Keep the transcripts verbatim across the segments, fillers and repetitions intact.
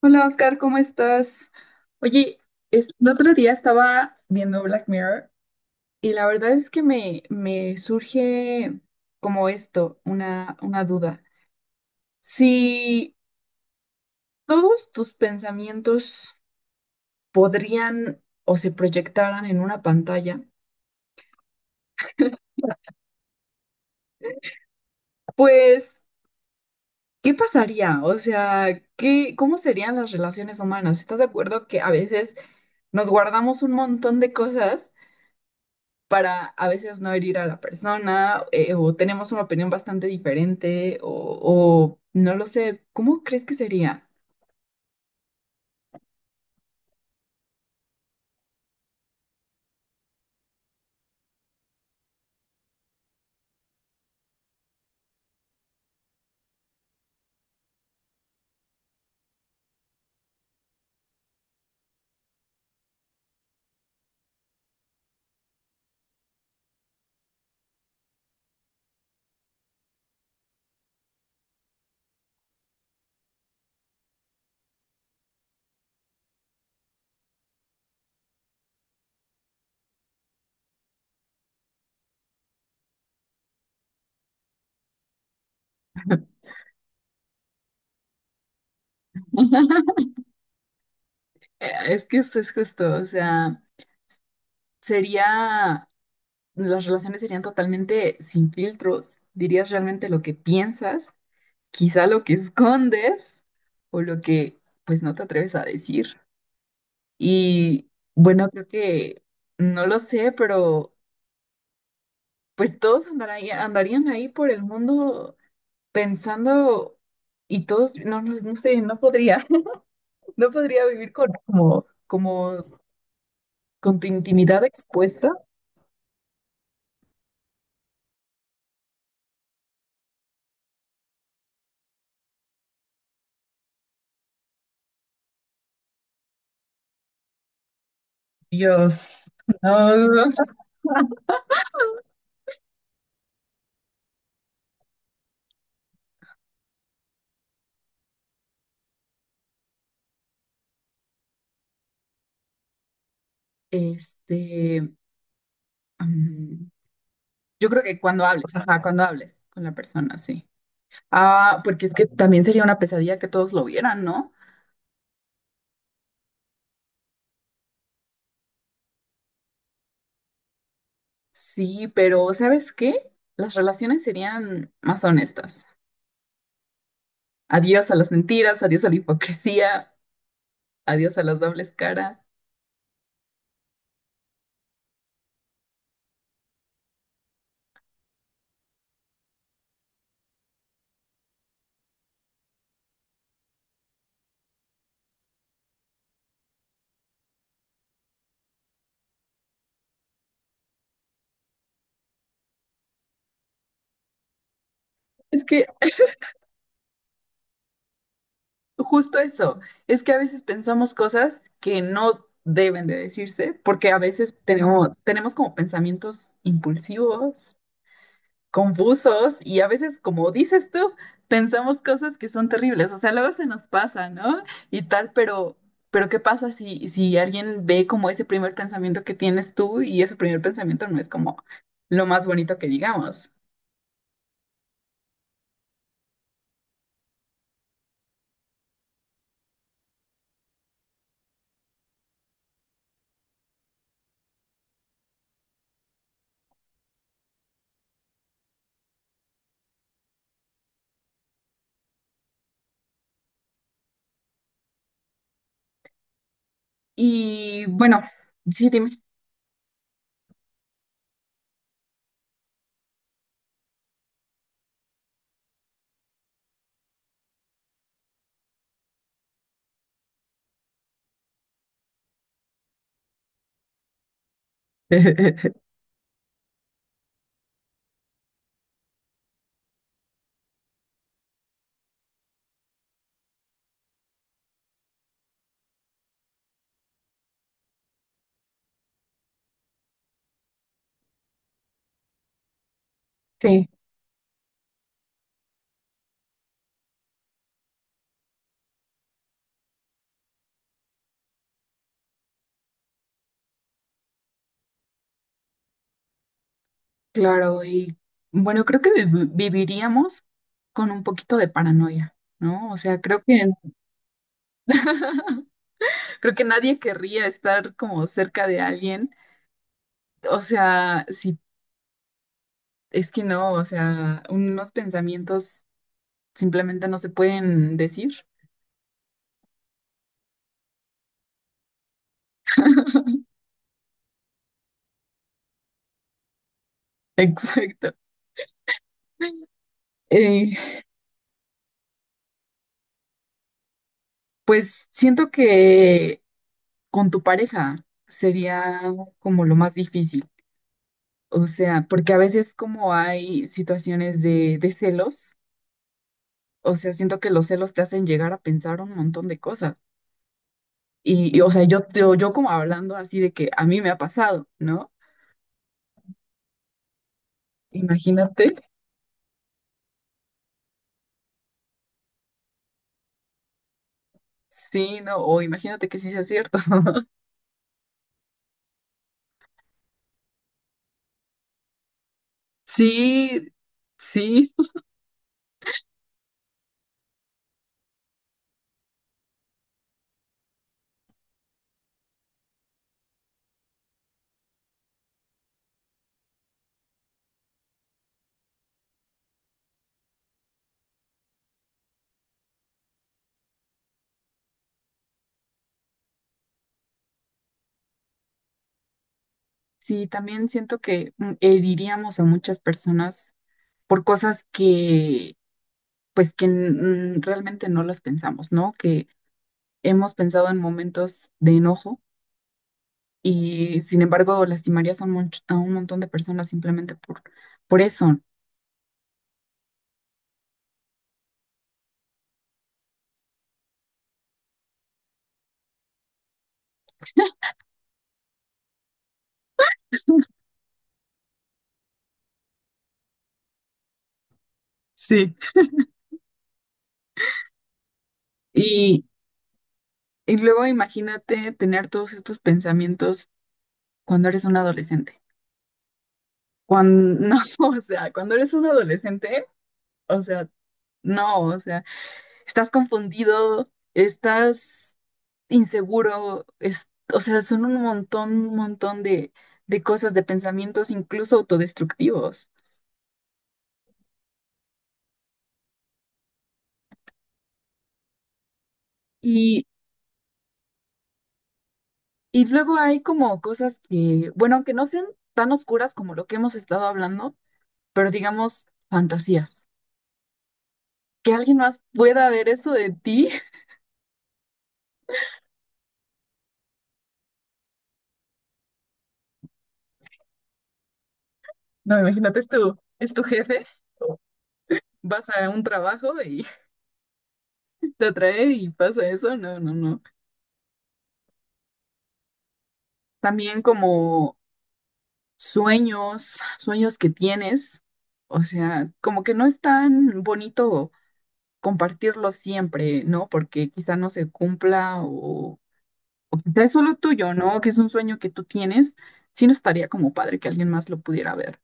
Hola Oscar, ¿cómo estás? Oye, es- el otro día estaba viendo Black Mirror y la verdad es que me, me surge como esto, una, una duda. Si todos tus pensamientos podrían o se proyectaran en una pantalla, pues, ¿qué pasaría? O sea, ¿qué, cómo serían las relaciones humanas? ¿Estás de acuerdo que a veces nos guardamos un montón de cosas, para a veces no herir a la persona, eh, o tenemos una opinión bastante diferente, o, o no lo sé, ¿cómo crees que sería? Eh, Es que eso es justo, o sea, sería, las relaciones serían totalmente sin filtros, dirías realmente lo que piensas, quizá lo que escondes, o lo que pues no te atreves a decir. Y bueno, creo que no lo sé, pero pues todos andarían, andarían ahí por el mundo pensando y todos, no, no, no sé, no podría, no podría vivir con como, como con tu intimidad expuesta. Dios, no. Este, mm, yo creo que cuando hables, ajá, cuando hables con la persona, sí. Ah, porque es que también sería una pesadilla que todos lo vieran, ¿no? Sí, pero ¿sabes qué? Las relaciones serían más honestas. Adiós a las mentiras, adiós a la hipocresía, adiós a las dobles caras. Es que justo eso, es que a veces pensamos cosas que no deben de decirse, porque a veces tenemos, tenemos como pensamientos impulsivos confusos y a veces, como dices tú, pensamos cosas que son terribles, o sea, luego se nos pasa, ¿no? Y tal, pero, pero ¿qué pasa si, si alguien ve como ese primer pensamiento que tienes tú y ese primer pensamiento no es como lo más bonito que digamos? Y bueno, sí, dime. Sí, claro, y bueno, creo que vi- viviríamos con un poquito de paranoia, ¿no? O sea, creo que creo que nadie querría estar como cerca de alguien. O sea, si es que no, o sea, unos pensamientos simplemente no se pueden decir. Exacto. Eh, pues siento que con tu pareja sería como lo más difícil. O sea, porque a veces como hay situaciones de, de celos, o sea, siento que los celos te hacen llegar a pensar un montón de cosas. Y, y, o sea, yo, yo, yo como hablando así de que a mí me ha pasado, ¿no? Imagínate, sí, no, o imagínate que sí sea cierto. Sí, sí, sí, también siento que mm, heriríamos a muchas personas por cosas que, pues, que mm, realmente no las pensamos, ¿no? Que hemos pensado en momentos de enojo y, sin embargo, lastimarías a un, monch- a un montón de personas simplemente por, por eso. Sí. Y, y luego imagínate tener todos estos pensamientos cuando eres un adolescente. Cuando, no, o sea, cuando eres un adolescente, o sea, no, o sea, estás confundido, estás inseguro, es, o sea, son un montón, un montón de, de cosas, de pensamientos incluso autodestructivos. Y, y luego hay como cosas que, bueno, aunque no sean tan oscuras como lo que hemos estado hablando, pero digamos fantasías. Que alguien más pueda ver eso de ti. No, imagínate, es tu, es tu jefe, vas a un trabajo y te atrae y pasa eso. No, no, no. También como sueños, sueños que tienes. O sea, como que no es tan bonito compartirlo siempre, ¿no? Porque quizá no se cumpla o, o quizá es solo tuyo, ¿no? Que es un sueño que tú tienes. Sí, no estaría como padre que alguien más lo pudiera ver.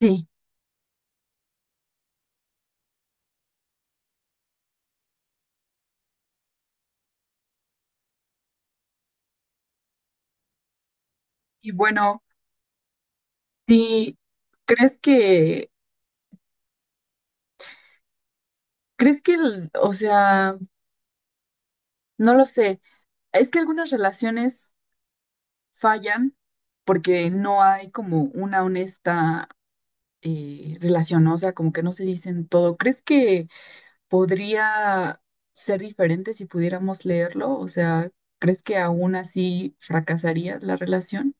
Sí. Y bueno, sí, ¿crees que, crees que, el- o sea, no lo sé. Es que algunas relaciones fallan porque no hay como una honesta eh, relación, ¿no? O sea, como que no se dicen todo. ¿Crees que podría ser diferente si pudiéramos leerlo? O sea, ¿crees que aún así fracasaría la relación?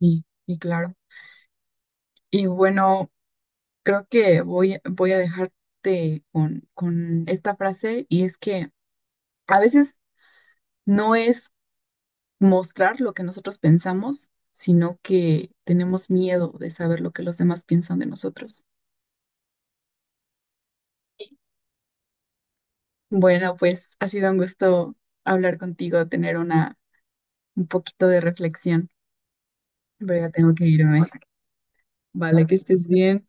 Y, y claro. Y bueno, creo que voy, voy a dejarte con, con esta frase y es que a veces no es mostrar lo que nosotros pensamos, sino que tenemos miedo de saber lo que los demás piensan de nosotros. Bueno, pues ha sido un gusto hablar contigo, tener una un poquito de reflexión, pero ya tengo que irme. Vale, que estés bien.